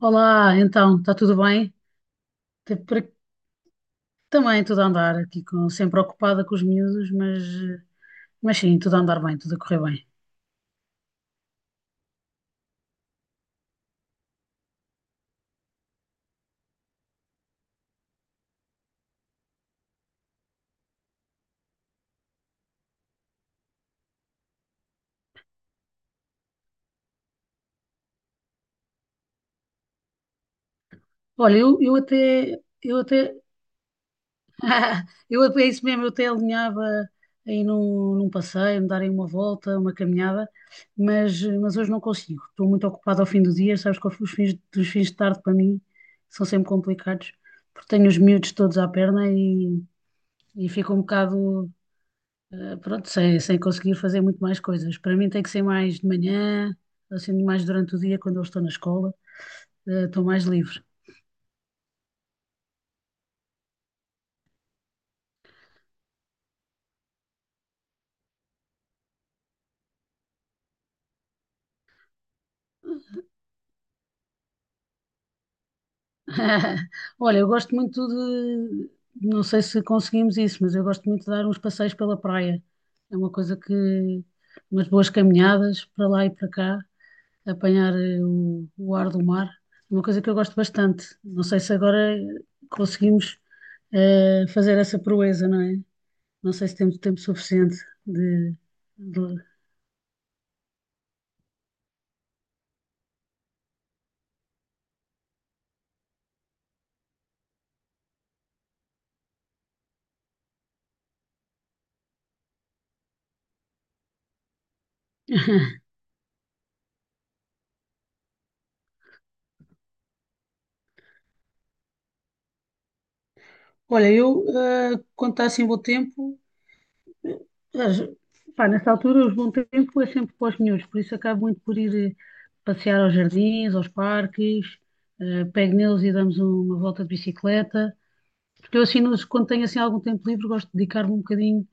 Olá, então, está tudo bem? Por aqui. Também tudo a andar aqui, sempre ocupada com os miúdos, mas, mas sim, tudo a andar bem, tudo a correr bem. Olha, eu até, é isso mesmo, eu até alinhava aí num passeio, me darem uma volta, uma caminhada, mas, mas hoje não consigo, estou muito ocupada ao fim do dia, sabes que os fins de tarde para mim são sempre complicados, porque tenho os miúdos todos à perna e fico um bocado. Pronto, sem conseguir fazer muito mais coisas. Para mim tem que ser mais de manhã, assim, mais durante o dia, quando eu estou na escola, estou mais livre. Olha, eu gosto muito de, não sei se conseguimos isso, mas eu gosto muito de dar uns passeios pela praia. É uma coisa que, umas boas caminhadas para lá e para cá, apanhar o ar do mar, é uma coisa que eu gosto bastante. Não sei se agora conseguimos fazer essa proeza, não é? Não sei se temos tempo suficiente de, de- Olha, eu, quando está assim bom tempo, mas, pá, nessa altura, os bom tempo é sempre para os miúdos, por isso acabo muito por ir passear aos jardins, aos parques, pego neles e damos uma volta de bicicleta. Porque eu, assim, quando tenho assim algum tempo livre, gosto de dedicar-me um bocadinho.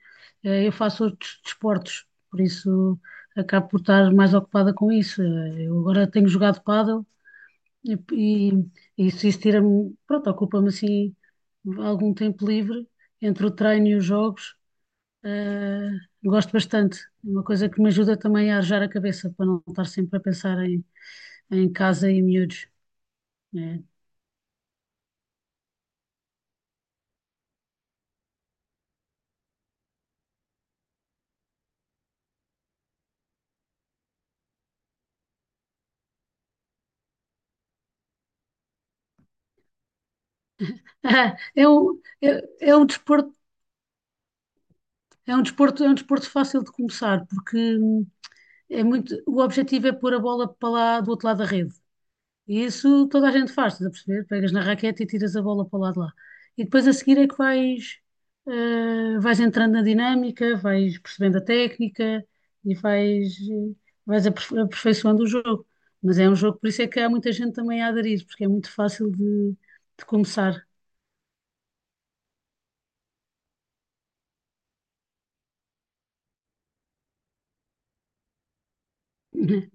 Eu faço outros desportos, por isso acabo por estar mais ocupada com isso. Eu agora tenho jogado pádel, E, e isso, isso tira-me, pronto, ocupa-me assim algum tempo livre entre o treino e os jogos. eh, Gosto bastante. É uma coisa que me ajuda também a arejar a cabeça para não estar sempre a pensar em casa e miúdos. É. É um desporto, é um desporto fácil de começar porque é muito, o objetivo é pôr a bola para lá do outro lado da rede. E isso toda a gente faz, estás a perceber? Pegas na raquete e tiras a bola para o lado de lá. E depois a seguir é que vais, vais entrando na dinâmica, vais percebendo a técnica e vais, aperfeiçoando o jogo. Mas é um jogo, por isso é que há muita gente também a aderir, porque é muito fácil de começar.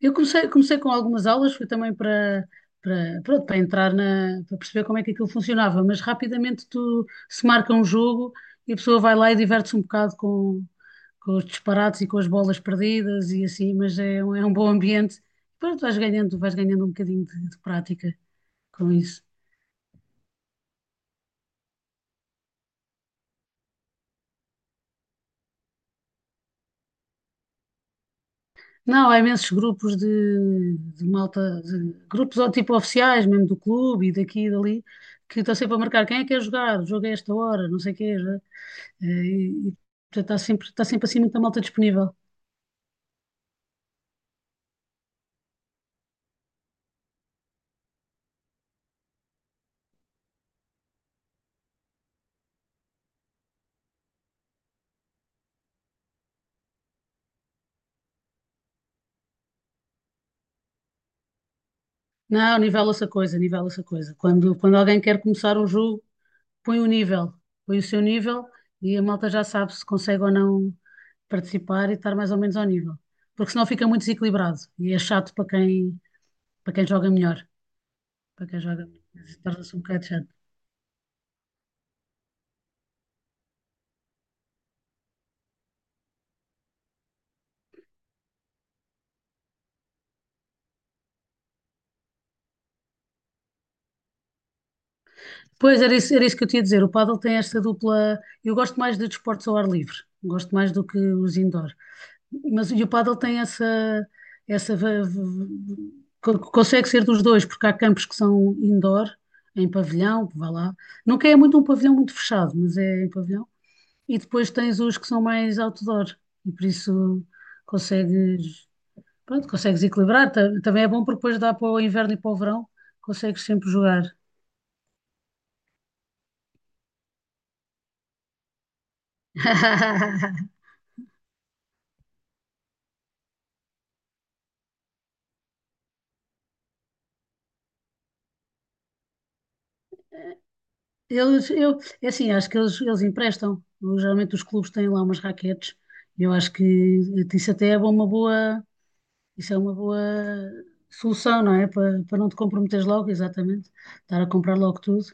Eu comecei, comecei com algumas aulas, foi também pronto, para entrar para perceber como é que aquilo funcionava, mas rapidamente tu se marca um jogo e a pessoa vai lá e diverte-se um bocado com os disparates e com as bolas perdidas e assim, mas é, é um bom ambiente. Pronto, vais ganhando um bocadinho de prática com isso. Não, há imensos grupos de malta, de grupos ou tipo oficiais, mesmo do clube e daqui e dali, que estão sempre a marcar quem é que quer jogar, o jogo é esta hora, não sei o quê. E portanto, está sempre assim muita malta disponível. Não, nivela essa coisa, nivela essa coisa. Quando alguém quer começar um jogo, põe o nível, põe o seu nível e a malta já sabe se consegue ou não participar e estar mais ou menos ao nível. Porque senão fica muito desequilibrado e é chato para quem joga melhor. Para quem joga melhor, torna-se um bocado chato. Pois era isso que eu tinha a dizer. O pádel tem esta dupla. Eu gosto mais de desportos ao ar livre, gosto mais do que os indoor. Mas e o pádel tem essa, essa va- v- v- consegue ser dos dois, porque há campos que são indoor, em pavilhão, vá lá. Nunca é muito um pavilhão muito fechado, mas é em pavilhão. E depois tens os que são mais outdoor, e por isso consegues, pronto, consegues equilibrar. Também é bom porque depois dá para o inverno e para o verão, consegues sempre jogar. Eles, eu, é assim, acho que eles emprestam. Geralmente os clubes têm lá umas raquetes. Eu acho que isso até é uma boa, isso é uma boa solução, não é? Para não te comprometeres logo, exatamente. Estar a comprar logo tudo.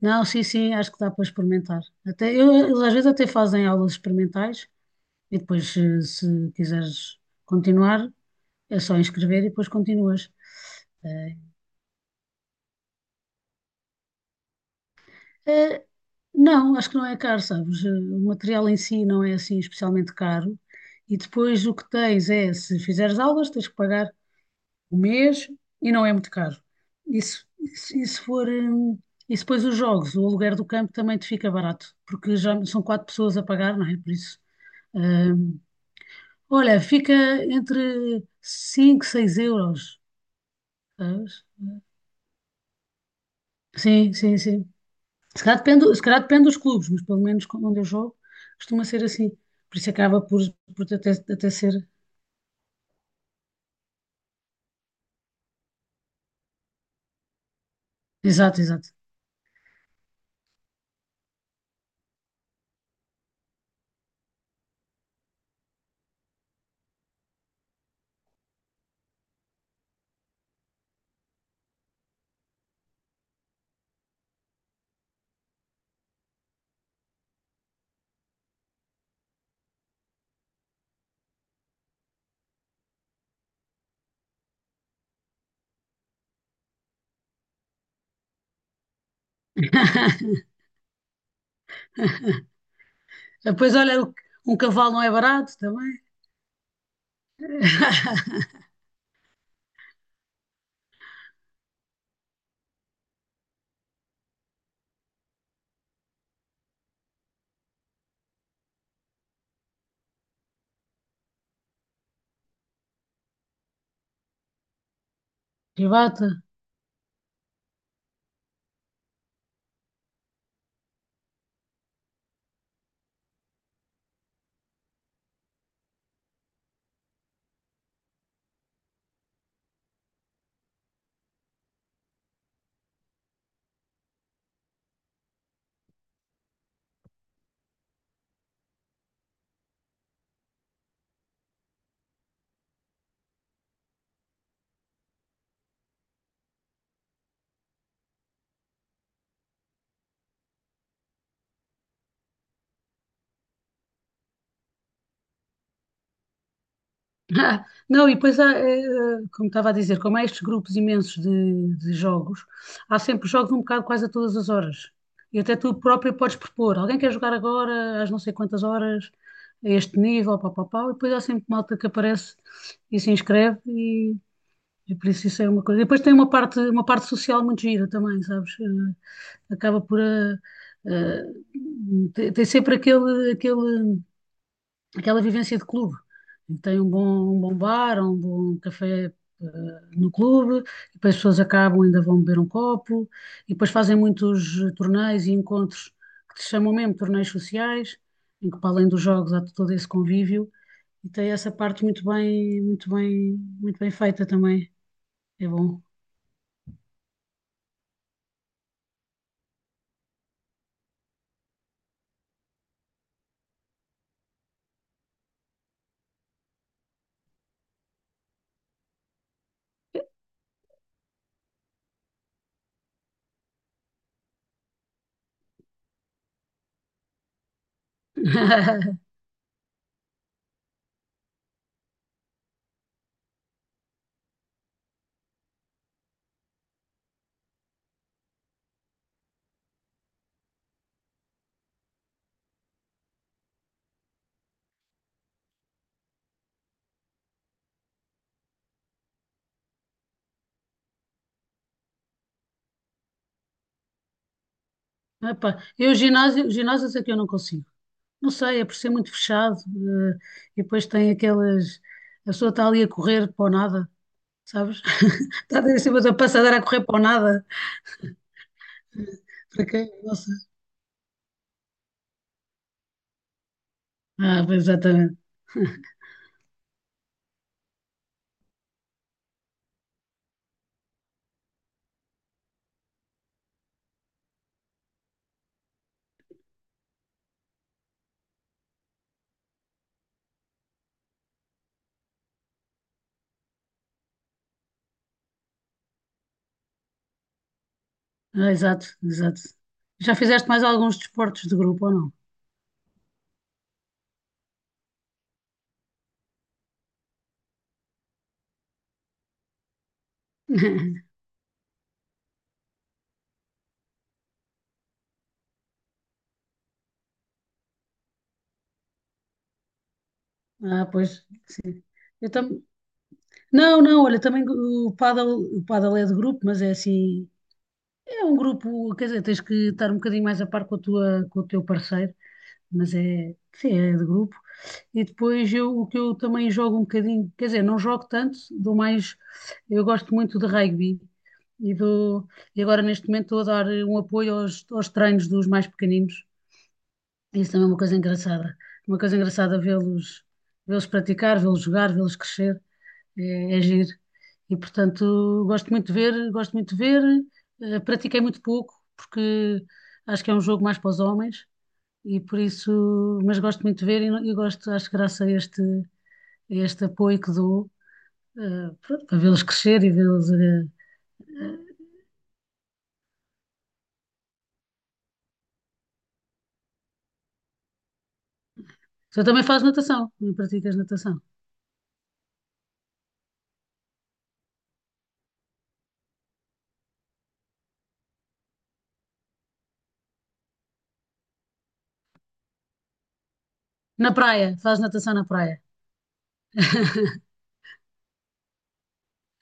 Não, sim, sim, acho que dá para experimentar. Até, eu, eles às vezes até fazem aulas experimentais e depois, se quiseres continuar, é só inscrever e depois continuas. Eh, Eh, não, acho que não é caro, sabes? O material em si não é assim especialmente caro. E depois o que tens é, se fizeres aulas, tens que pagar o mês e não é muito caro. Isso for, e se depois os jogos, o aluguer do campo também te fica barato, porque já são quatro pessoas a pagar, não é? Por isso. hum, Olha, fica entre 5, 6 euros, sabes? Sim, sim, sim. Se calhar depende, se calhar depende dos clubes, mas pelo menos onde eu jogo costuma ser assim. Por isso acaba por até, até ser. Exato, exato. Depois, olha, um cavalo não é barato também. Privata. Ah, não, e depois, há, como estava a dizer, como há estes grupos imensos de jogos, há sempre jogos um bocado quase a todas as horas. E até tu próprio podes propor. Alguém quer jogar agora, às não sei quantas horas, a este nível, pá, pá, pá. E depois há sempre malta que aparece e se inscreve e por isso isso é uma coisa. Depois tem uma parte social muito gira também, sabes? Acaba por. Eh, Tem sempre aquela vivência de clube. Tem um bom bar, um bom café. No clube, e depois as pessoas acabam, ainda vão beber um copo, e depois fazem muitos torneios e encontros que se chamam mesmo torneios sociais, em que para além dos jogos há todo esse convívio, e tem essa parte muito bem feita também. É bom. Epá, eu ginásio, ginásios é que eu não consigo. Não sei, é por ser muito fechado, e depois tem aquelas. A pessoa está ali a correr para o nada, sabes? Está ali em cima da passadeira a correr para o nada. Para quê? Não sei. Ah, pois, exatamente. Ah, exato, exato. Já fizeste mais alguns desportos de grupo ou não? Ah, pois, sim. Eu tam... Não, não, olha, também o paddle é de grupo, mas é assim, é um grupo, quer dizer, tens que estar um bocadinho mais a par com a tua, com o teu parceiro, mas é, sim, é de grupo. E depois eu, o que eu também jogo um bocadinho, quer dizer, não jogo tanto, dou mais, eu gosto muito de rugby e dou, e agora neste momento estou a dar um apoio aos, aos treinos dos mais pequeninos. Isso também é uma coisa engraçada, vê-los, vê-los praticar, vê-los jogar, vê-los crescer é, é giro. E portanto, gosto muito de ver. Pratiquei muito pouco, porque acho que é um jogo mais para os homens, e por isso, mas gosto muito de ver e, e gosto, acho que graças a este apoio que dou, pronto, para vê-los crescer e vê-los. Eh, Tu também fazes natação, também praticas natação. Na praia, fazes natação na praia.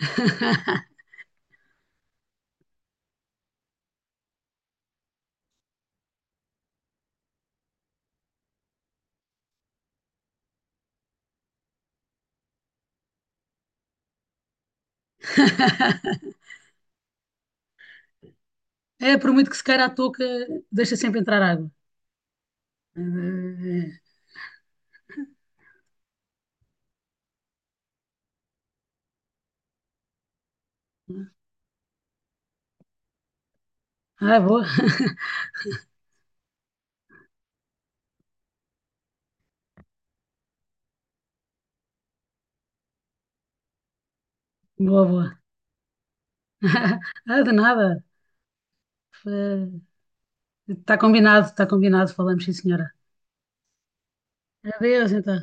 É, por muito que se queira a touca, deixa sempre entrar água. Eh, eh, eh. Ah, boa, boa, boa. Ah, de nada. Está combinado, está combinado. Falamos, sim, senhora. Adeus, então.